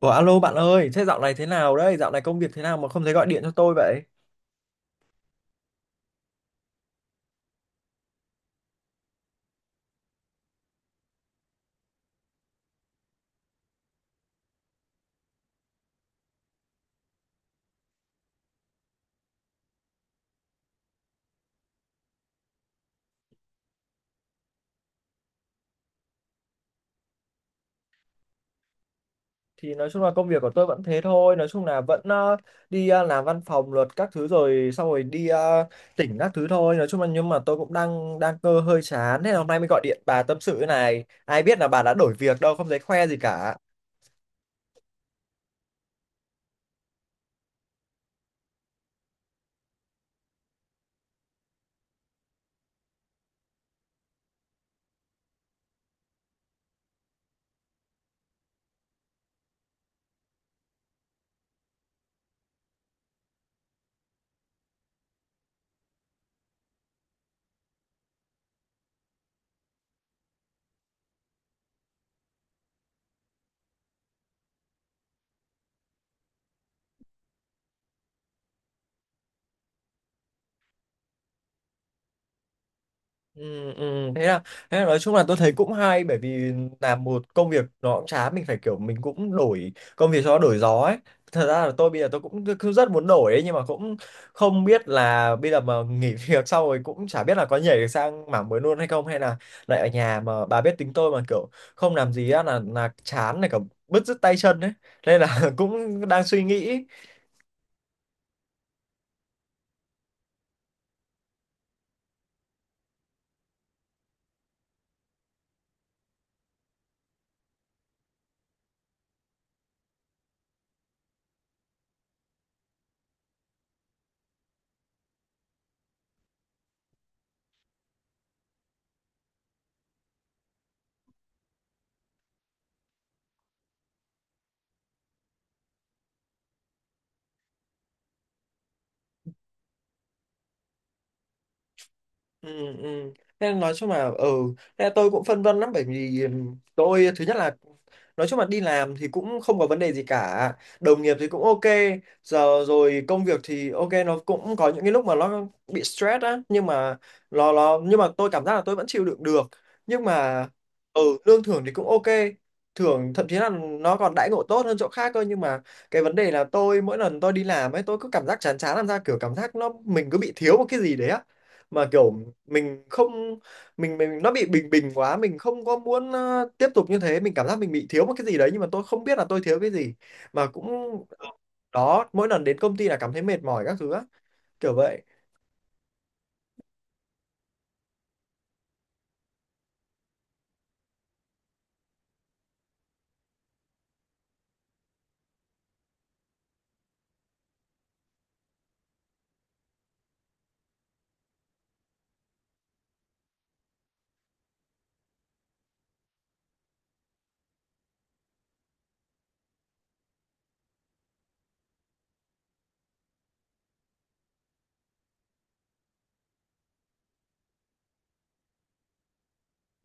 Ủa, alo bạn ơi, thế dạo này thế nào đấy? Dạo này công việc thế nào mà không thấy gọi điện cho tôi vậy? Thì nói chung là công việc của tôi vẫn thế thôi, nói chung là vẫn đi làm văn phòng luật các thứ, rồi xong rồi đi tỉnh các thứ thôi. Nói chung là nhưng mà tôi cũng đang đang cơ hơi chán, thế là hôm nay mới gọi điện bà tâm sự thế này. Ai biết là bà đã đổi việc đâu, không thấy khoe gì cả. Ừ, ừ. Thế là nói chung là tôi thấy cũng hay, bởi vì làm một công việc nó cũng chán, mình phải kiểu mình cũng đổi công việc cho nó đổi gió ấy. Thật ra là tôi bây giờ tôi cũng cứ rất muốn đổi ấy, nhưng mà cũng không biết là bây giờ mà nghỉ việc xong rồi cũng chả biết là có nhảy được sang mảng mới luôn hay không, hay là lại ở nhà. Mà bà biết tính tôi mà, kiểu không làm gì á là chán này cả, bứt rứt tay chân ấy, nên là cũng đang suy nghĩ. Ừ, ừ. Nên nói chung là ừ, nên là tôi cũng phân vân lắm, bởi vì tôi thứ nhất là nói chung là đi làm thì cũng không có vấn đề gì cả, đồng nghiệp thì cũng ok giờ rồi, công việc thì ok, nó cũng có những cái lúc mà nó bị stress á, nhưng mà nó nhưng mà tôi cảm giác là tôi vẫn chịu đựng được. Nhưng mà ừ, lương thưởng thì cũng ok, thưởng thậm chí là nó còn đãi ngộ tốt hơn chỗ khác cơ. Nhưng mà cái vấn đề là tôi mỗi lần tôi đi làm ấy, tôi cứ cảm giác chán chán, làm ra kiểu cảm giác nó mình cứ bị thiếu một cái gì đấy á, mà kiểu mình không, mình nó bị bình bình quá, mình không có muốn tiếp tục như thế, mình cảm giác mình bị thiếu một cái gì đấy, nhưng mà tôi không biết là tôi thiếu cái gì. Mà cũng đó, mỗi lần đến công ty là cảm thấy mệt mỏi các thứ á, kiểu vậy.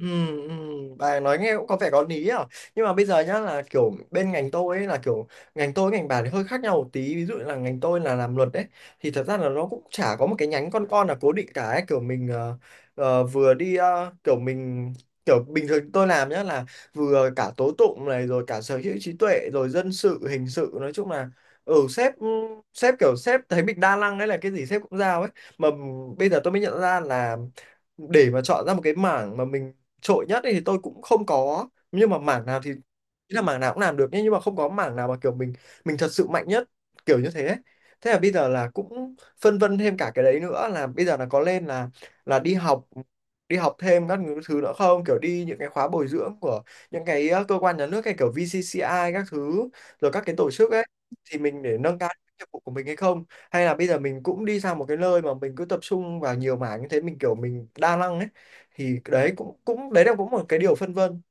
Ừ, ừ, bà nói nghe cũng có vẻ có lý à. Nhưng mà bây giờ nhá, là kiểu bên ngành tôi ấy, là kiểu ngành tôi với ngành bà thì hơi khác nhau một tí, ví dụ là ngành tôi là làm luật đấy, thì thật ra là nó cũng chả có một cái nhánh con là cố định cả ấy. Kiểu mình vừa đi kiểu bình thường tôi làm nhá là vừa cả tố tụng này rồi cả sở hữu trí tuệ rồi dân sự hình sự, nói chung là ừ, sếp sếp kiểu sếp thấy mình đa năng đấy, là cái gì sếp cũng giao ấy. Mà bây giờ tôi mới nhận ra là để mà chọn ra một cái mảng mà mình trội nhất ấy thì tôi cũng không có, nhưng mà mảng nào thì ý là mảng nào cũng làm được nhé, nhưng mà không có mảng nào mà kiểu mình thật sự mạnh nhất, kiểu như thế ấy. Thế là bây giờ là cũng phân vân thêm cả cái đấy nữa, là bây giờ là có lên là đi học, đi học thêm các thứ nữa không, kiểu đi những cái khóa bồi dưỡng của những cái cơ quan nhà nước, hay kiểu VCCI các thứ, rồi các cái tổ chức ấy, thì mình để nâng cao nghiệp vụ của mình hay không. Hay là bây giờ mình cũng đi sang một cái nơi mà mình cứ tập trung vào nhiều mảng như thế, mình kiểu mình đa năng ấy. Thì đấy cũng cũng đấy là cũng một cái điều phân vân.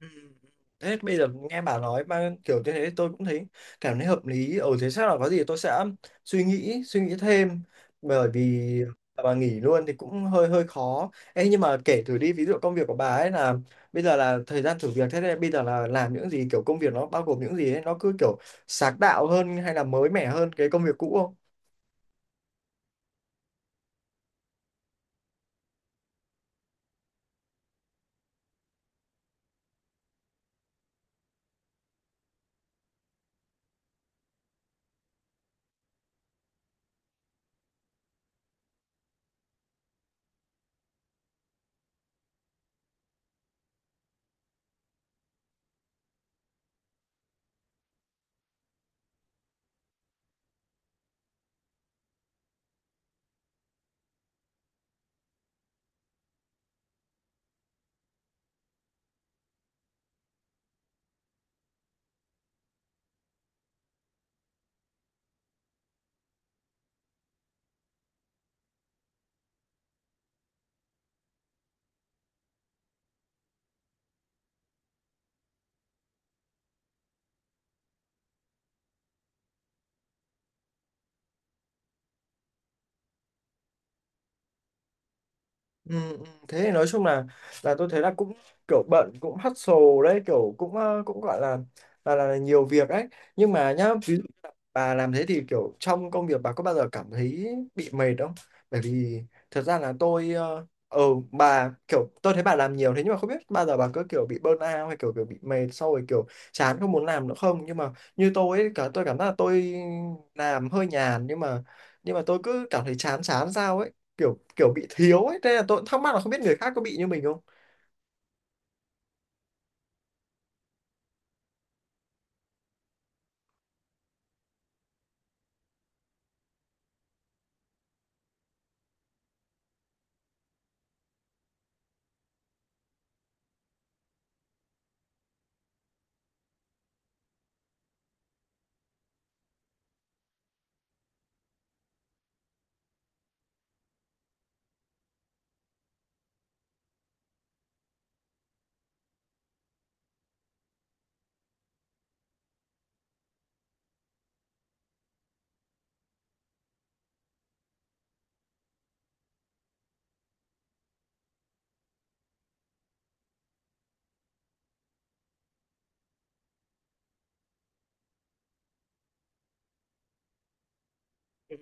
Ừ. Thế bây giờ nghe bà nói mà kiểu như thế tôi cũng thấy cảm thấy hợp lý, ở thế chắc là có gì tôi sẽ suy nghĩ thêm, bởi vì bà nghỉ luôn thì cũng hơi hơi khó. Ê, nhưng mà kể thử đi, ví dụ công việc của bà ấy là bây giờ là thời gian thử việc thế này, bây giờ là làm những gì, kiểu công việc nó bao gồm những gì ấy, nó cứ kiểu sáng tạo hơn hay là mới mẻ hơn cái công việc cũ không? Ừ, ừ, thế thì nói chung là tôi thấy là cũng kiểu bận, cũng hustle đấy, kiểu cũng cũng gọi là là nhiều việc ấy. Nhưng mà nhá ví, bà làm thế thì kiểu trong công việc bà có bao giờ cảm thấy bị mệt không? Bởi vì thật ra là tôi bà kiểu tôi thấy bà làm nhiều thế, nhưng mà không biết bao giờ bà có kiểu bị burnout hay kiểu kiểu bị mệt sau rồi kiểu chán không muốn làm nữa không? Nhưng mà như tôi ấy, cả tôi cảm giác là tôi làm hơi nhàn, nhưng mà tôi cứ cảm thấy chán chán sao ấy, kiểu kiểu bị thiếu ấy, thế là tôi cũng thắc mắc là không biết người khác có bị như mình không? Ừ.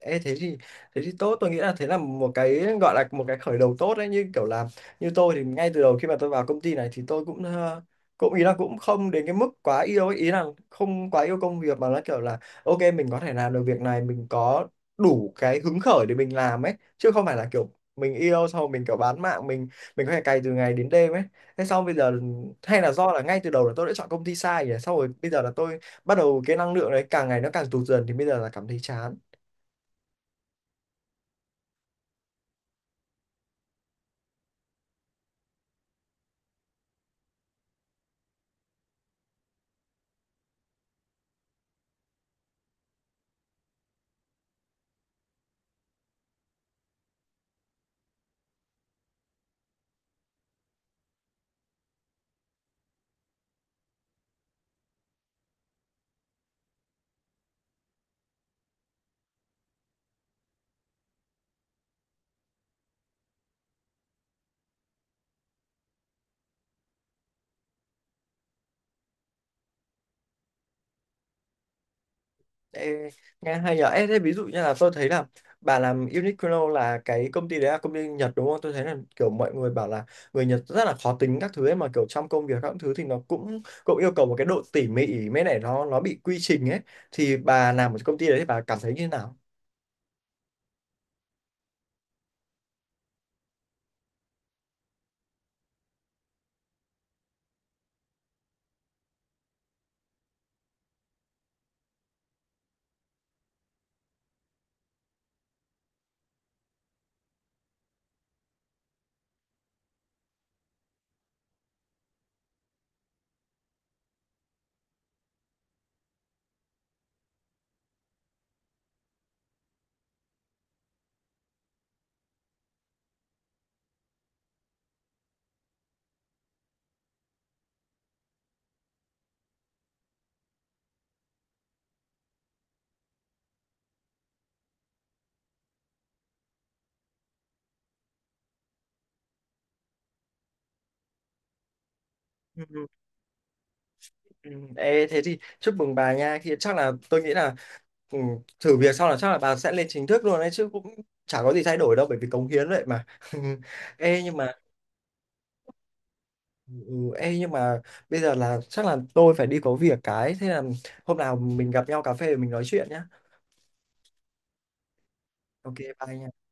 Ê, thế thì tốt, tôi nghĩ là thế là một cái gọi là một cái khởi đầu tốt đấy. Như kiểu là như tôi thì ngay từ đầu khi mà tôi vào công ty này thì tôi cũng cũng ý là cũng không đến cái mức quá yêu ấy. Ý là không quá yêu công việc, mà nó kiểu là ok mình có thể làm được việc này, mình có đủ cái hứng khởi để mình làm ấy, chứ không phải là kiểu mình yêu sau mình kiểu bán mạng, mình có thể cày từ ngày đến đêm ấy. Thế xong bây giờ, hay là do là ngay từ đầu là tôi đã chọn công ty sai nhỉ, xong rồi bây giờ là tôi bắt đầu cái năng lượng đấy càng ngày nó càng tụt dần, thì bây giờ là cảm thấy chán. Ê, nghe hay nhở. Ê, thế ví dụ như là tôi thấy là bà làm Uniqlo là cái công ty đấy là công ty Nhật đúng không, tôi thấy là kiểu mọi người bảo là người Nhật rất là khó tính các thứ ấy, mà kiểu trong công việc các thứ thì nó cũng cũng yêu cầu một cái độ tỉ mỉ mấy này, nó bị quy trình ấy, thì bà làm ở công ty đấy thì bà cảm thấy như thế nào? Ừ, ê, thế thì chúc mừng bà nha, thì chắc là tôi nghĩ là ừ, thử việc xong là chắc là bà sẽ lên chính thức luôn đấy chứ, cũng chả có gì thay đổi đâu, bởi vì cống hiến vậy mà. Ê, nhưng mà ừ, ê, nhưng mà bây giờ là chắc là tôi phải đi có việc cái, thế là hôm nào mình gặp nhau cà phê để mình nói chuyện nhá. Ok, bye nha.